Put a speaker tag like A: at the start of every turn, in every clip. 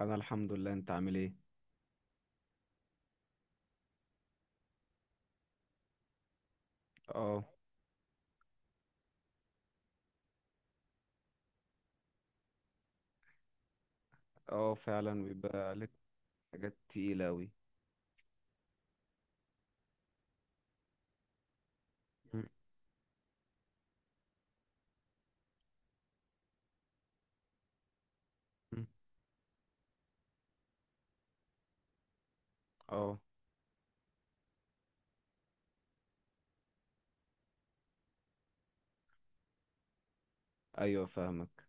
A: انا الحمد لله، انت عامل ايه؟ اه، اه فعلا بيبقى عليك حاجات تقيلة اوي. م- م. اه، ايوه فاهمك.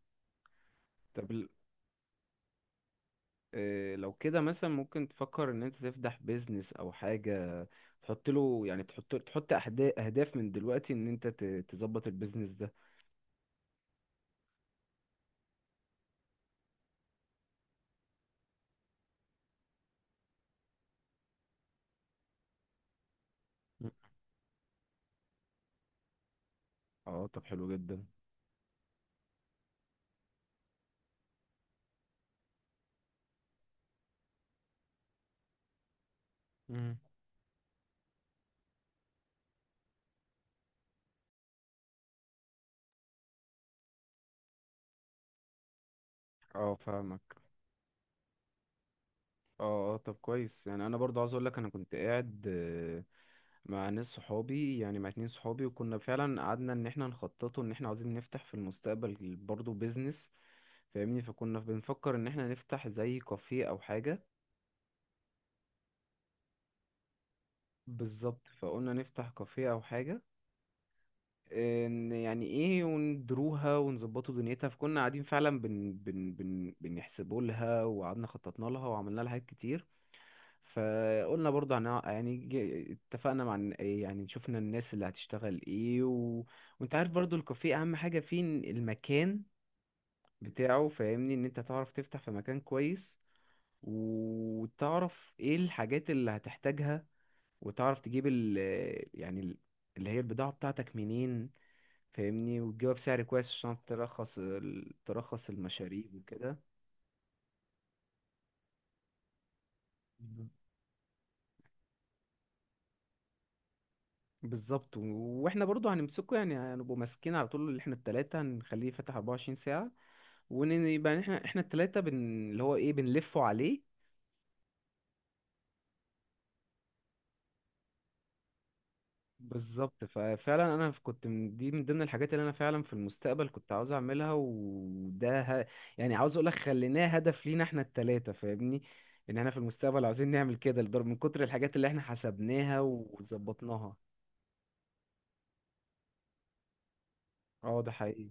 A: طب ال- إيه لو كده مثلا ممكن تفكر ان انت تفتح بيزنس او حاجة، تحط له، يعني تحط اهداف من دلوقتي ان تظبط البيزنس ده. مم. اه طب حلو جدا. مم. اه فاهمك. اه، اه طب كويس. يعني انا برضه عاوز اقول لك، انا كنت قاعد مع ناس صحابي، يعني مع اتنين صحابي، وكنا فعلا قعدنا ان احنا نخططه، ان احنا عاوزين نفتح في المستقبل برضه بيزنس، فاهمني. فكنا بنفكر ان احنا نفتح زي كافيه او حاجة. بالظبط، فقلنا نفتح كافيه او حاجة، ان يعني ايه وندروها ونظبطوا دنيتها. فكنا قاعدين فعلا بن بن بن بنحسبوا لها، وقعدنا خططنا لها وعملنا لها حاجات كتير. فقلنا برضه يعني اتفقنا مع يعني شفنا الناس اللي هتشتغل ايه و... وانت عارف برضه الكافيه اهم حاجة فيه إن المكان بتاعه، فاهمني، ان انت تعرف تفتح في مكان كويس، وتعرف ايه الحاجات اللي هتحتاجها، وتعرف تجيب ال، يعني اللي هي البضاعة بتاعتك منين، فاهمني، وتجيبها بسعر كويس، عشان ترخص ترخص المشاريب وكده. بالظبط. واحنا برضو هنمسكه، يعني هنبقوا ماسكين على طول، اللي احنا التلاتة هنخليه فاتح 24 ساعة، ونبقى احنا التلاتة اللي هو ايه بنلفه عليه. بالظبط. ففعلا انا كنت من دي، من ضمن الحاجات اللي انا فعلا في المستقبل كنت عاوز اعملها. وده يعني عاوز اقول لك، خليناه هدف لينا احنا التلاتة، فاهمني، ان احنا في المستقبل عاوزين نعمل كده، لدرجة من كتر الحاجات اللي احنا حسبناها وظبطناها. اه ده حقيقي.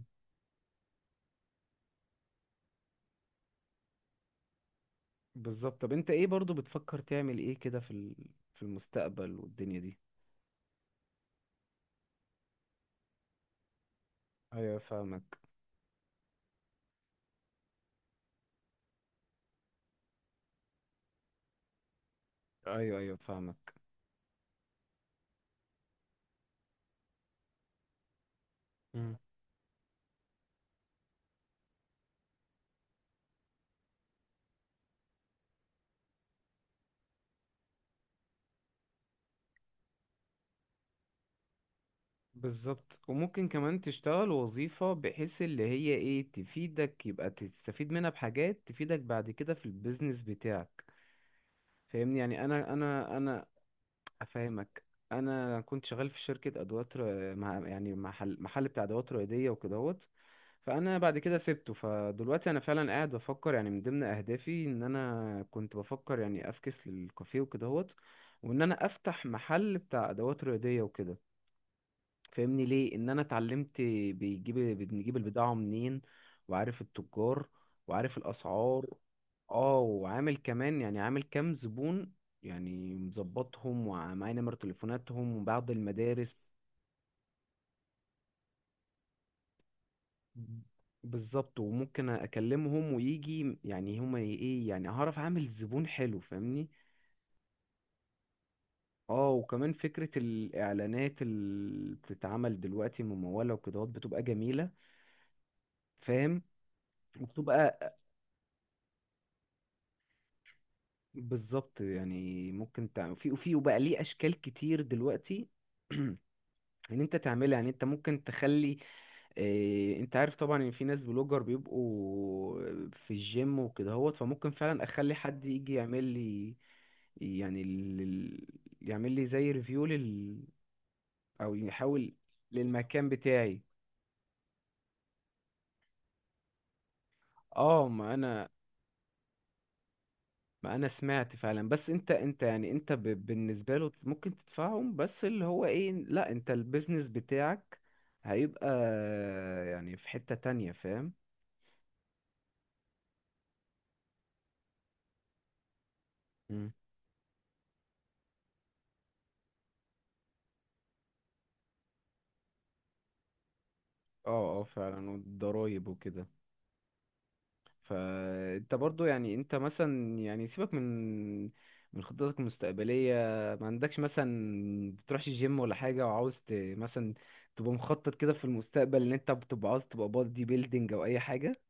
A: بالظبط. طب انت ايه برضو بتفكر تعمل ايه كده في في المستقبل والدنيا دي؟ ايوه فاهمك. ايوه ايوه فاهمك. مم. بالظبط. وممكن كمان تشتغل وظيفة بحيث اللي هي ايه، تفيدك، يبقى تستفيد منها بحاجات تفيدك بعد كده في البيزنس بتاعك، فاهمني. يعني انا افهمك. انا كنت شغال في شركه ادوات مع يعني محل بتاع ادوات رياضيه وكدهوت. فانا بعد كده سبته، فدلوقتي انا فعلا قاعد بفكر، يعني من ضمن اهدافي ان انا كنت بفكر يعني افكس للكافيه وكدهوت، وان انا افتح محل بتاع ادوات رياضيه، فاهمني، ليه؟ ان انا اتعلمت بنجيب البضاعه منين، وعارف التجار، وعارف الاسعار. اه، وعامل كمان، يعني عامل كام زبون، يعني مظبطهم، ومعايا نمر تليفوناتهم وبعض المدارس. بالظبط، وممكن اكلمهم ويجي، يعني هما ايه، يعني هعرف اعمل زبون حلو، فاهمني. اه، وكمان فكرة الإعلانات اللي بتتعمل دلوقتي ممولة وكده، بتبقى جميلة، فاهم؟ وبتبقى، بالظبط. يعني ممكن تعمل في وفي، وبقى ليه اشكال كتير دلوقتي ان انت تعملها. يعني انت ممكن تخلي، إيه، انت عارف طبعا ان في ناس بلوجر بيبقوا في الجيم وكده هوت، فممكن فعلا اخلي حد يجي يعمل لي، يعني يعمل لي زي ريفيو لل، او يحاول، للمكان بتاعي. اه ما انا، سمعت فعلا، بس انت، انت يعني انت بالنسبه له ممكن تدفعهم، بس اللي هو ايه، لا انت البيزنس بتاعك هيبقى، يعني في حته تانية، فاهم؟ مم. اه، اه فعلا، والضرايب وكده. فانت برضو، يعني انت مثلا، يعني سيبك من خطتك المستقبلية، ما عندكش مثلا؟ بتروحش جيم ولا حاجة، وعاوز مثلا تبقى مخطط كده في المستقبل، ان انت بتبقى عاوز تبقى بادي بيلدينج او اي حاجة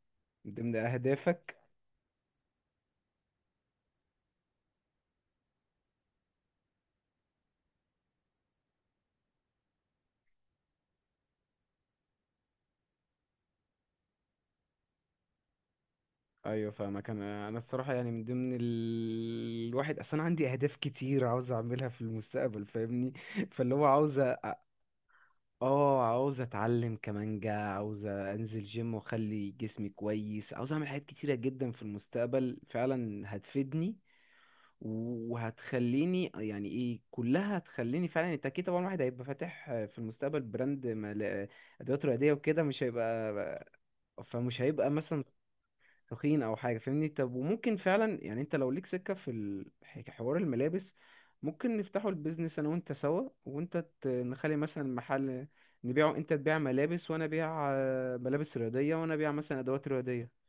A: من ضمن اهدافك؟ ايوه فاهمك. انا، انا الصراحه، يعني من ضمن الواحد اصلا، انا عندي اهداف كتير عاوز اعملها في المستقبل، فاهمني. فاللي هو عاوز اه، عاوز اتعلم كمانجا، عاوز انزل جيم واخلي جسمي كويس، عاوز اعمل حاجات كتيره جدا في المستقبل، فعلا هتفيدني وهتخليني، يعني ايه، كلها هتخليني فعلا. انت اكيد طبعا الواحد هيبقى فاتح في المستقبل براند ادوات رياضيه وكده، مش هيبقى، فمش هيبقى مثلا تخين او حاجه، فاهمني. طب وممكن فعلا، يعني انت لو ليك سكه في حوار الملابس، ممكن نفتحوا البيزنس انا وانت سوا، وانت نخلي مثلا محل، نبيعه، انت تبيع ملابس، وانا ابيع ملابس رياضيه، وانا ابيع مثلا ادوات رياضيه.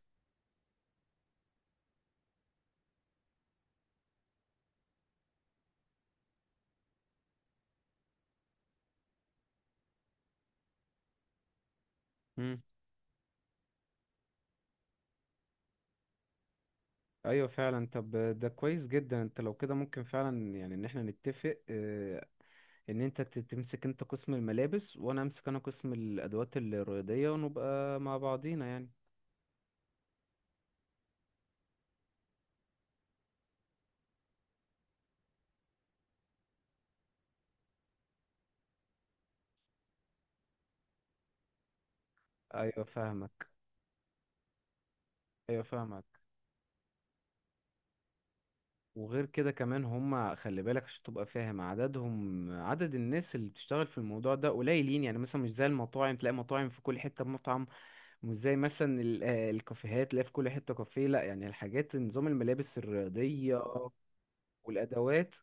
A: مم. ايوه فعلا. طب ده كويس جدا. انت لو كده ممكن فعلا، يعني ان احنا نتفق ان تمسك انت قسم الملابس، وانا امسك انا قسم الادوات الرياضيه، ونبقى مع بعضينا يعني. ايوه فاهمك. ايوه فاهمك. وغير كده كمان هم، خلي بالك عشان تبقى فاهم عددهم، عدد الناس اللي بتشتغل في الموضوع ده قليلين. يعني يعني مثلا مش زي المطاعم، تلاقي مطاعم في كل حتة مطعم، مش زي مثلا الكافيهات، تلاقي في كل حتة كافيه. لا يعني الحاجات، نظام الملابس الرياضية والأدوات،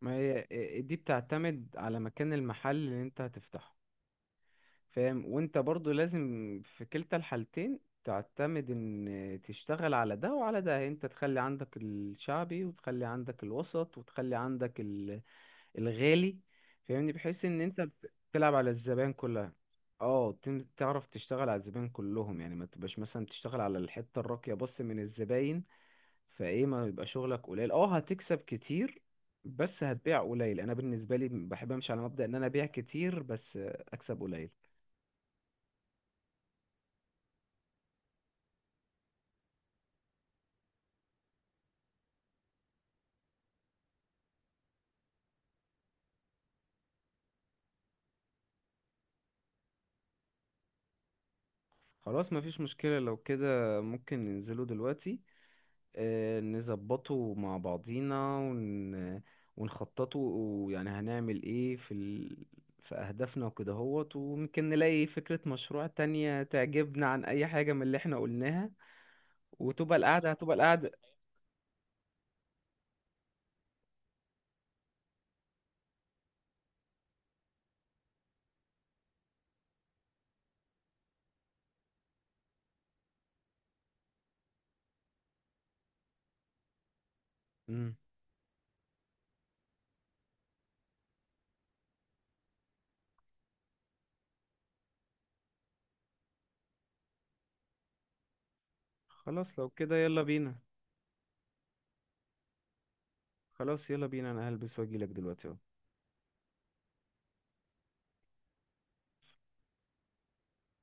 A: ما هي دي بتعتمد على مكان المحل اللي انت هتفتحه، فاهم؟ وانت برضو لازم في كلتا الحالتين، تعتمد ان تشتغل على ده وعلى ده، انت تخلي عندك الشعبي، وتخلي عندك الوسط، وتخلي عندك الغالي، فاهمني، بحيث ان تلعب على الزبائن كلها. اه، تعرف تشتغل على الزبائن كلهم، يعني ما تبقاش مثلا بتشتغل على الحتة الراقية بس من الزباين. فايه ما يبقى شغلك قليل، اه هتكسب كتير بس هتبيع قليل. انا بالنسبة لي بحب امشي على مبدأ ان انا ابيع كتير، بس اكسب قليل. خلاص، مفيش مشكلة. لو كده ممكن ننزله دلوقتي، نظبطه مع بعضينا ونخططه، يعني هنعمل ايه في في أهدافنا وكده هوت. وممكن نلاقي فكرة مشروع تانية تعجبنا عن أي حاجة من اللي احنا قلناها، وتبقى القعدة هتبقى القعدة. مم. خلاص لو كده يلا بينا. خلاص يلا بينا، أنا هلبس وأجيلك دلوقتي اهو.